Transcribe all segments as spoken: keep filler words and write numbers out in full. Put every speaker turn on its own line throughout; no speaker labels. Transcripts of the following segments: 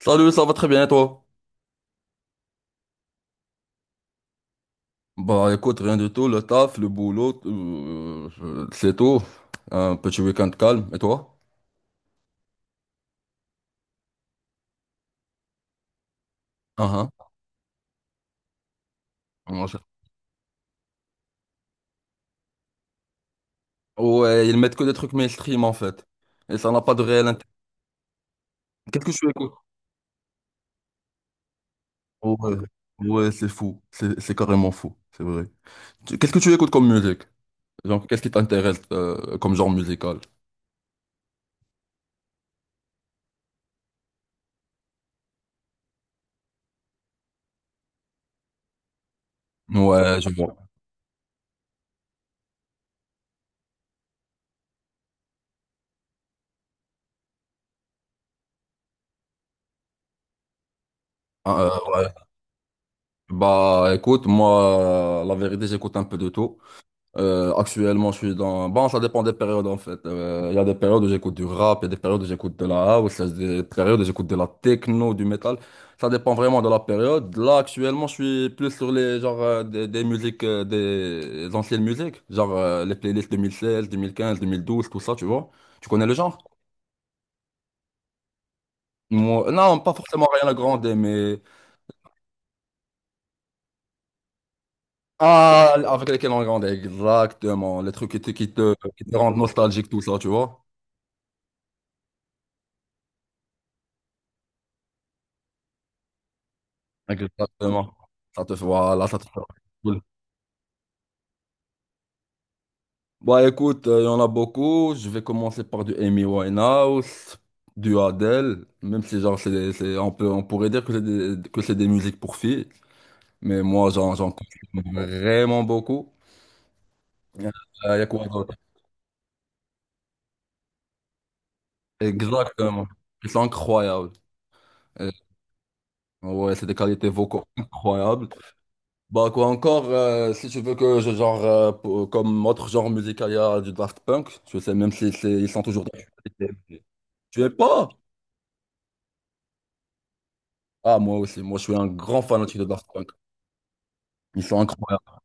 Salut, ça va très bien et toi? Bah écoute, rien du tout, le taf, le boulot, euh, euh, c'est tout. Un petit week-end calme, et toi? Ah ah. Moi, je- Ouais, ils mettent que des trucs mainstream en fait. Et ça n'a pas de réel intérêt. Qu'est-ce que tu écoutes? Ouais, ouais, c'est fou. C'est c'est carrément fou, c'est vrai. Tu- Qu'est-ce que tu écoutes comme musique? Genre, qu'est-ce qui t'intéresse euh, comme genre musical? Ouais, je vois. Ah, euh, ouais. Bah écoute, moi, la vérité, j'écoute un peu de tout. Euh, actuellement, je suis dans... Bon, ça dépend des périodes, en fait. Euh, Il y a des périodes où j'écoute du rap, il y a des périodes où j'écoute de la house, il y a des périodes où j'écoute de la techno, du métal. Ça dépend vraiment de la période. Là, actuellement, je suis plus sur les genre euh, des, des musiques, euh, des anciennes musiques, genre euh, les playlists deux mille seize, deux mille quinze, deux mille douze, tout ça, tu vois. Tu connais le genre? Moi, non, pas forcément rien à grandir, mais... Ah, avec lesquels on grandit, exactement. Les trucs qui te, qui te, qui te rendent nostalgique, tout ça, tu vois. Exactement. Ça te voilà, ça te fait. Cool. Bah écoute, euh, il y en a beaucoup. Je vais commencer par du Amy Winehouse, du Adele, même si genre c'est, c'est- on peut, on pourrait dire que c'est des, que c'est des musiques pour filles, mais moi j'en, j'en consomme vraiment beaucoup. Euh, Il y a quoi d'autre? Exactement. C'est incroyable. Euh, ouais, c'est des qualités vocaux incroyables. Bah quoi encore, euh, si tu veux que je genre, euh, pour- comme autre genre musical, il y a du Daft Punk, je sais même si c'est- ils sont toujours d'actualité. Tu es pas? Ah moi aussi, moi je suis un grand fanatique de Daft Punk. Ils sont incroyables.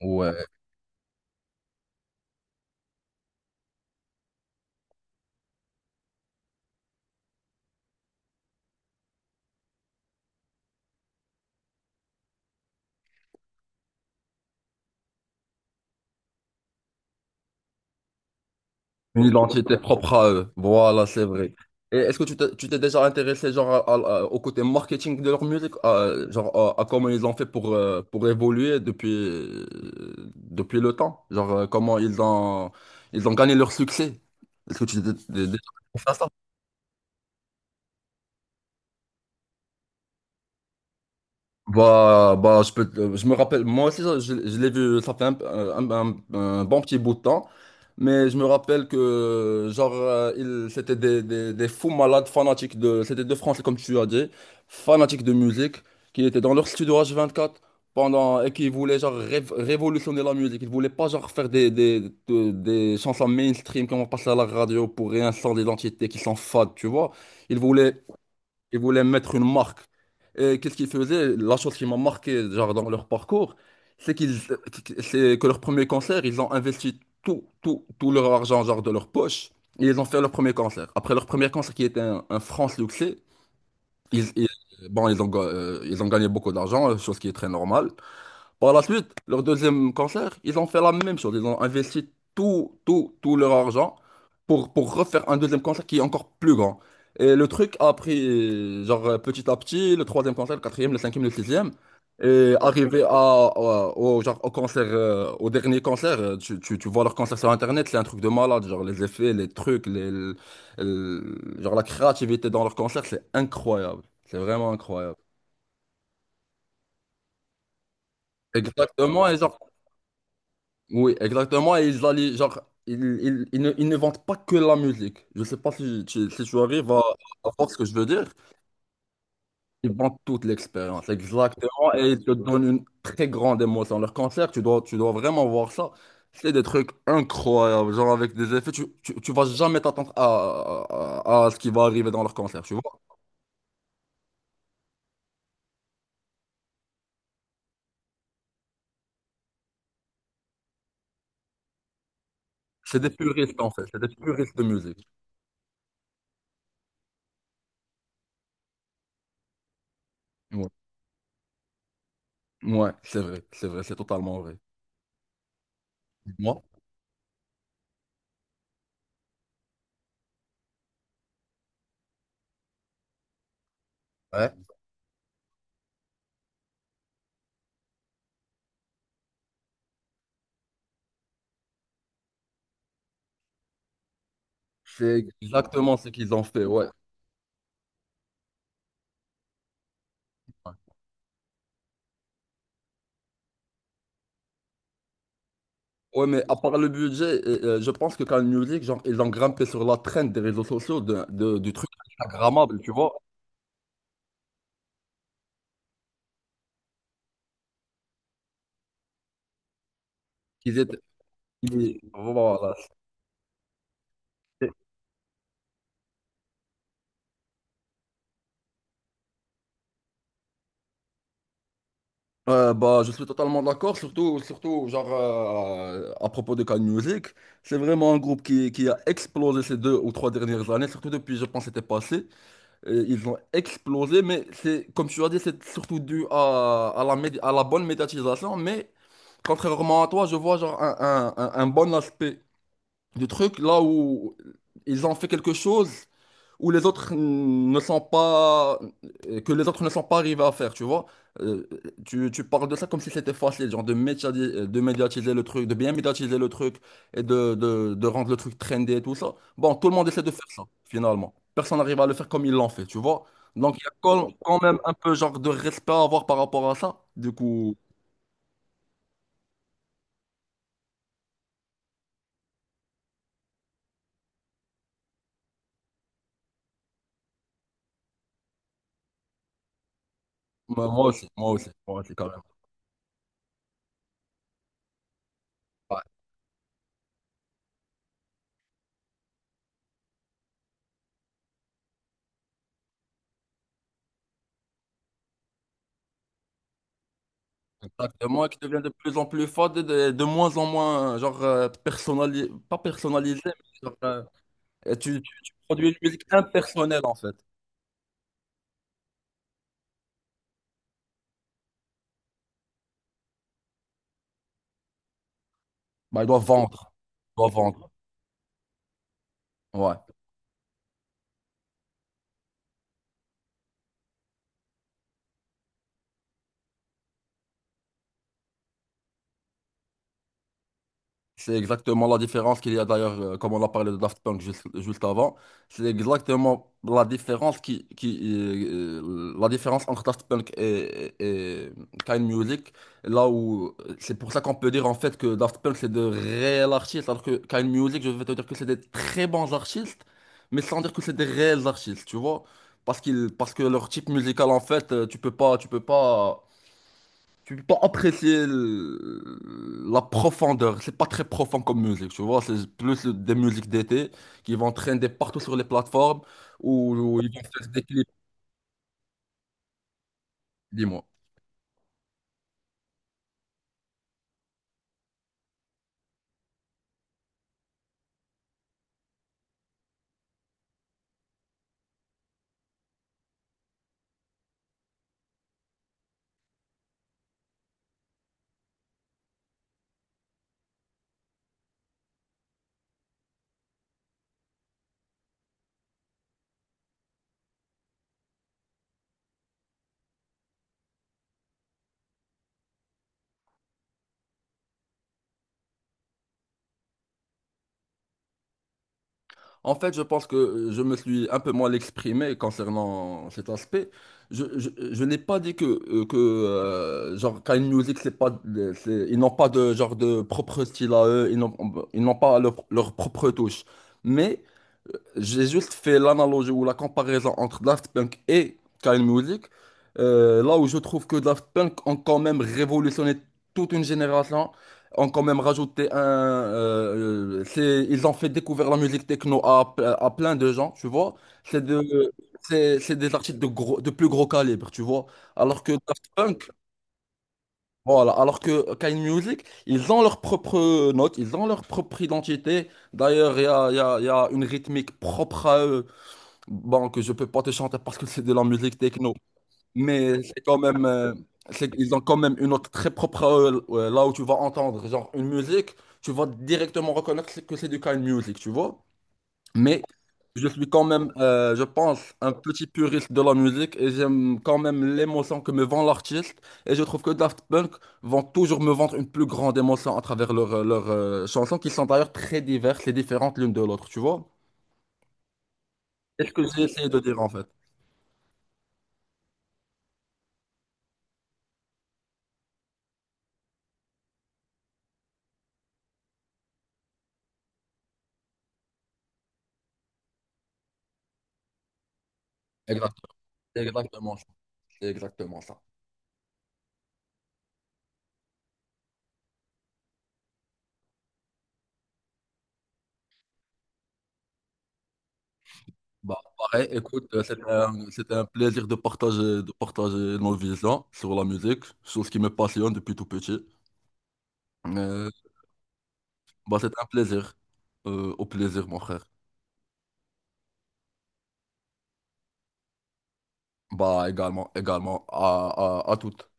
Ouais. Une identité propre à eux. Voilà, c'est vrai. Et est-ce que tu t'es tu t'es déjà intéressé genre à- à- à- au côté marketing de leur musique, à- genre à, à comment ils ont fait pour, euh, pour évoluer depuis, euh, depuis le temps? Genre euh, comment ils ont, ils ont gagné leur succès? Est-ce que tu t'es t'es déjà intéressé à ça? Bah, bah, je peux, te- je me rappelle, moi aussi, ça, je, je l'ai vu, ça fait un, un- un- un bon petit bout de temps, mais je me rappelle que, genre, euh, il- c'était des, des, des fous malades fanatiques de, c'était de Français, comme tu as dit, fanatiques de musique, qui étaient dans leur studio h quatre pendant, et qui voulaient, genre, rév- révolutionner la musique. Ils voulaient pas, genre, faire des, des, de- des chansons mainstream qui vont passer à la radio pour rien sans l'identité, qui s'en fadent, tu vois. Ils voulaient ils voulaient mettre une marque. Et qu'est-ce qu'ils faisaient? La chose qui m'a marqué, genre, dans leur parcours, c'est qu'ils, c'est que leur premier concert, ils ont investi tout, tout, tout leur argent, genre, de leur poche, et ils ont fait leur premier concert. Après leur premier concert, qui était un, un franc succès, ils, ils- bon, ils ont, ga- euh, ils ont gagné beaucoup d'argent, chose qui est très normale. Par la suite, leur deuxième concert, ils ont fait la même chose. Ils ont investi tout, tout, tout leur argent pour, pour refaire un deuxième concert qui est encore plus grand. Et le truc a pris, genre, euh, petit à petit, le troisième concert, le quatrième, le cinquième, le sixième. Et arrivé à, à- au, genre, au concert, euh, au dernier concert, euh, tu, tu, tu vois leur concert sur Internet, c'est un truc de malade. Genre, les effets, les trucs, les, le- le- genre, la créativité dans leur concert, c'est incroyable. C'est vraiment incroyable. Exactement. Et genre, Oui, exactement. Et ils allaient, genre, ils, ils- ils ne, ils ne vendent pas que la musique. Je sais pas si tu, si tu arrives à, à voir ce que je veux dire. Ils vendent toute l'expérience, exactement. Et ils te donnent une très grande émotion. Leur concert, tu dois, tu dois vraiment voir ça. C'est des trucs incroyables, genre avec des effets. Tu, tu, tu vas jamais t'attendre à, à, à ce qui va arriver dans leur concert, tu vois. C'est des puristes, en fait. C'est des puristes de musique. Ouais, Ouais, c'est vrai, c'est vrai, c'est totalement vrai. Moi, ouais. C'est exactement ce qu'ils ont fait, ouais. Ouais, mais à part le budget, euh, je pense que quand Music, genre, ils ont grimpé sur la trend des réseaux sociaux de, de- du truc Instagrammable, tu vois. Qu'ils étaient, ils- voilà. Euh, bah, je suis totalement d'accord, surtout, surtout genre, euh, à propos de Can Music. C'est vraiment un groupe qui, qui a explosé ces deux ou trois dernières années, surtout depuis, je pense, c'était passé. Et ils ont explosé, mais c'est, comme tu as dit, c'est surtout dû à, à la, médi- à la bonne médiatisation. Mais contrairement à toi, je vois genre, un, un un- un bon aspect du truc, là où ils ont fait quelque chose où les autres ne sont pas, que les autres ne sont pas arrivés à faire, tu vois. Euh, tu, Tu parles de ça comme si c'était facile, genre de médiatiser, de médiatiser le truc, de bien médiatiser le truc et de, de, de rendre le truc trendy et tout ça. Bon, tout le monde essaie de faire ça, finalement. Personne n'arrive à le faire comme ils l'ont fait, tu vois. Donc, il y a quand quand même un peu genre de respect à avoir par rapport à ça. Du coup, moi moi aussi, moi aussi, moi aussi, quand même. Exactement, qui devient de plus en plus fade, et de, de moins en moins, genre, euh, personnali- pas personnalisé, mais genre, euh, et tu, tu- tu produis une musique impersonnelle, en fait. Bah, il doit vendre. Il doit vendre. Ouais. C'est exactement la différence qu'il y a d'ailleurs, euh, comme on a parlé de Daft Punk juste, juste avant. C'est exactement la différence qui, qui euh, la différence entre Daft Punk et, et Kind Music. Là où c'est pour ça qu'on peut dire en fait que Daft Punk c'est de réels artistes, alors que Kind Music, je vais te dire que c'est des très bons artistes, mais sans dire que c'est des réels artistes, tu vois? Parce qu'ils, parce que leur type musical en fait, euh, tu peux pas, tu peux pas tu peux pas apprécier le- la profondeur. C'est pas très profond comme musique, tu vois. C'est plus le- des musiques d'été qui vont traîner partout sur les plateformes où, où ils vont faire des clips, dis-moi. En fait, je pense que je me suis un peu mal exprimé concernant cet aspect. Je, je, je n'ai pas dit que, euh, que euh, genre, quand une musique, c'est pas, de- c'est- ils n'ont pas de genre de propre style à eux, ils n'ont ils n'ont pas leur, leur propre touche. Mais j'ai juste fait l'analogie ou la comparaison entre Daft Punk et Kyle Music, euh, là où je trouve que Daft Punk ont quand même révolutionné toute une génération, ont quand même rajouté un... euh, euh, c'est- ils ont fait découvrir la musique techno à, à plein de gens, tu vois. C'est de, c'est, c'est des artistes de, gros, de plus gros calibre, tu vois. Alors que Daft Punk, voilà, alors que Kyle Music, ils ont leur propre note, ils ont leur propre identité. D'ailleurs, il y a, il y a- il y a une rythmique propre à eux. Bon, que je peux pas te chanter parce que c'est de la musique techno, mais c'est quand même, euh, c'est- ils ont quand même une note très propre à eux, euh, là où tu vas entendre, genre une musique, tu vas directement reconnaître que c'est du kind music, tu vois. Mais je suis quand même, euh, je pense, un petit puriste de la musique et j'aime quand même l'émotion que me vend l'artiste. Et je trouve que Daft Punk vont toujours me vendre une plus grande émotion à travers leurs euh, leurs, euh, chansons qui sont d'ailleurs très diverses et différentes l'une de l'autre, tu vois. C'est ce que j'ai essayé de dire en fait. Exactement, c'est exactement ça. C'est exactement ça. Bah, pareil, écoute, euh, c'était un, c'était un plaisir de partager, de partager nos visions sur la musique, sur ce qui me passionne depuis tout petit. Euh, Bah, c'est un plaisir. Euh, au plaisir, mon frère. Bah, également, également, à, à, à toutes.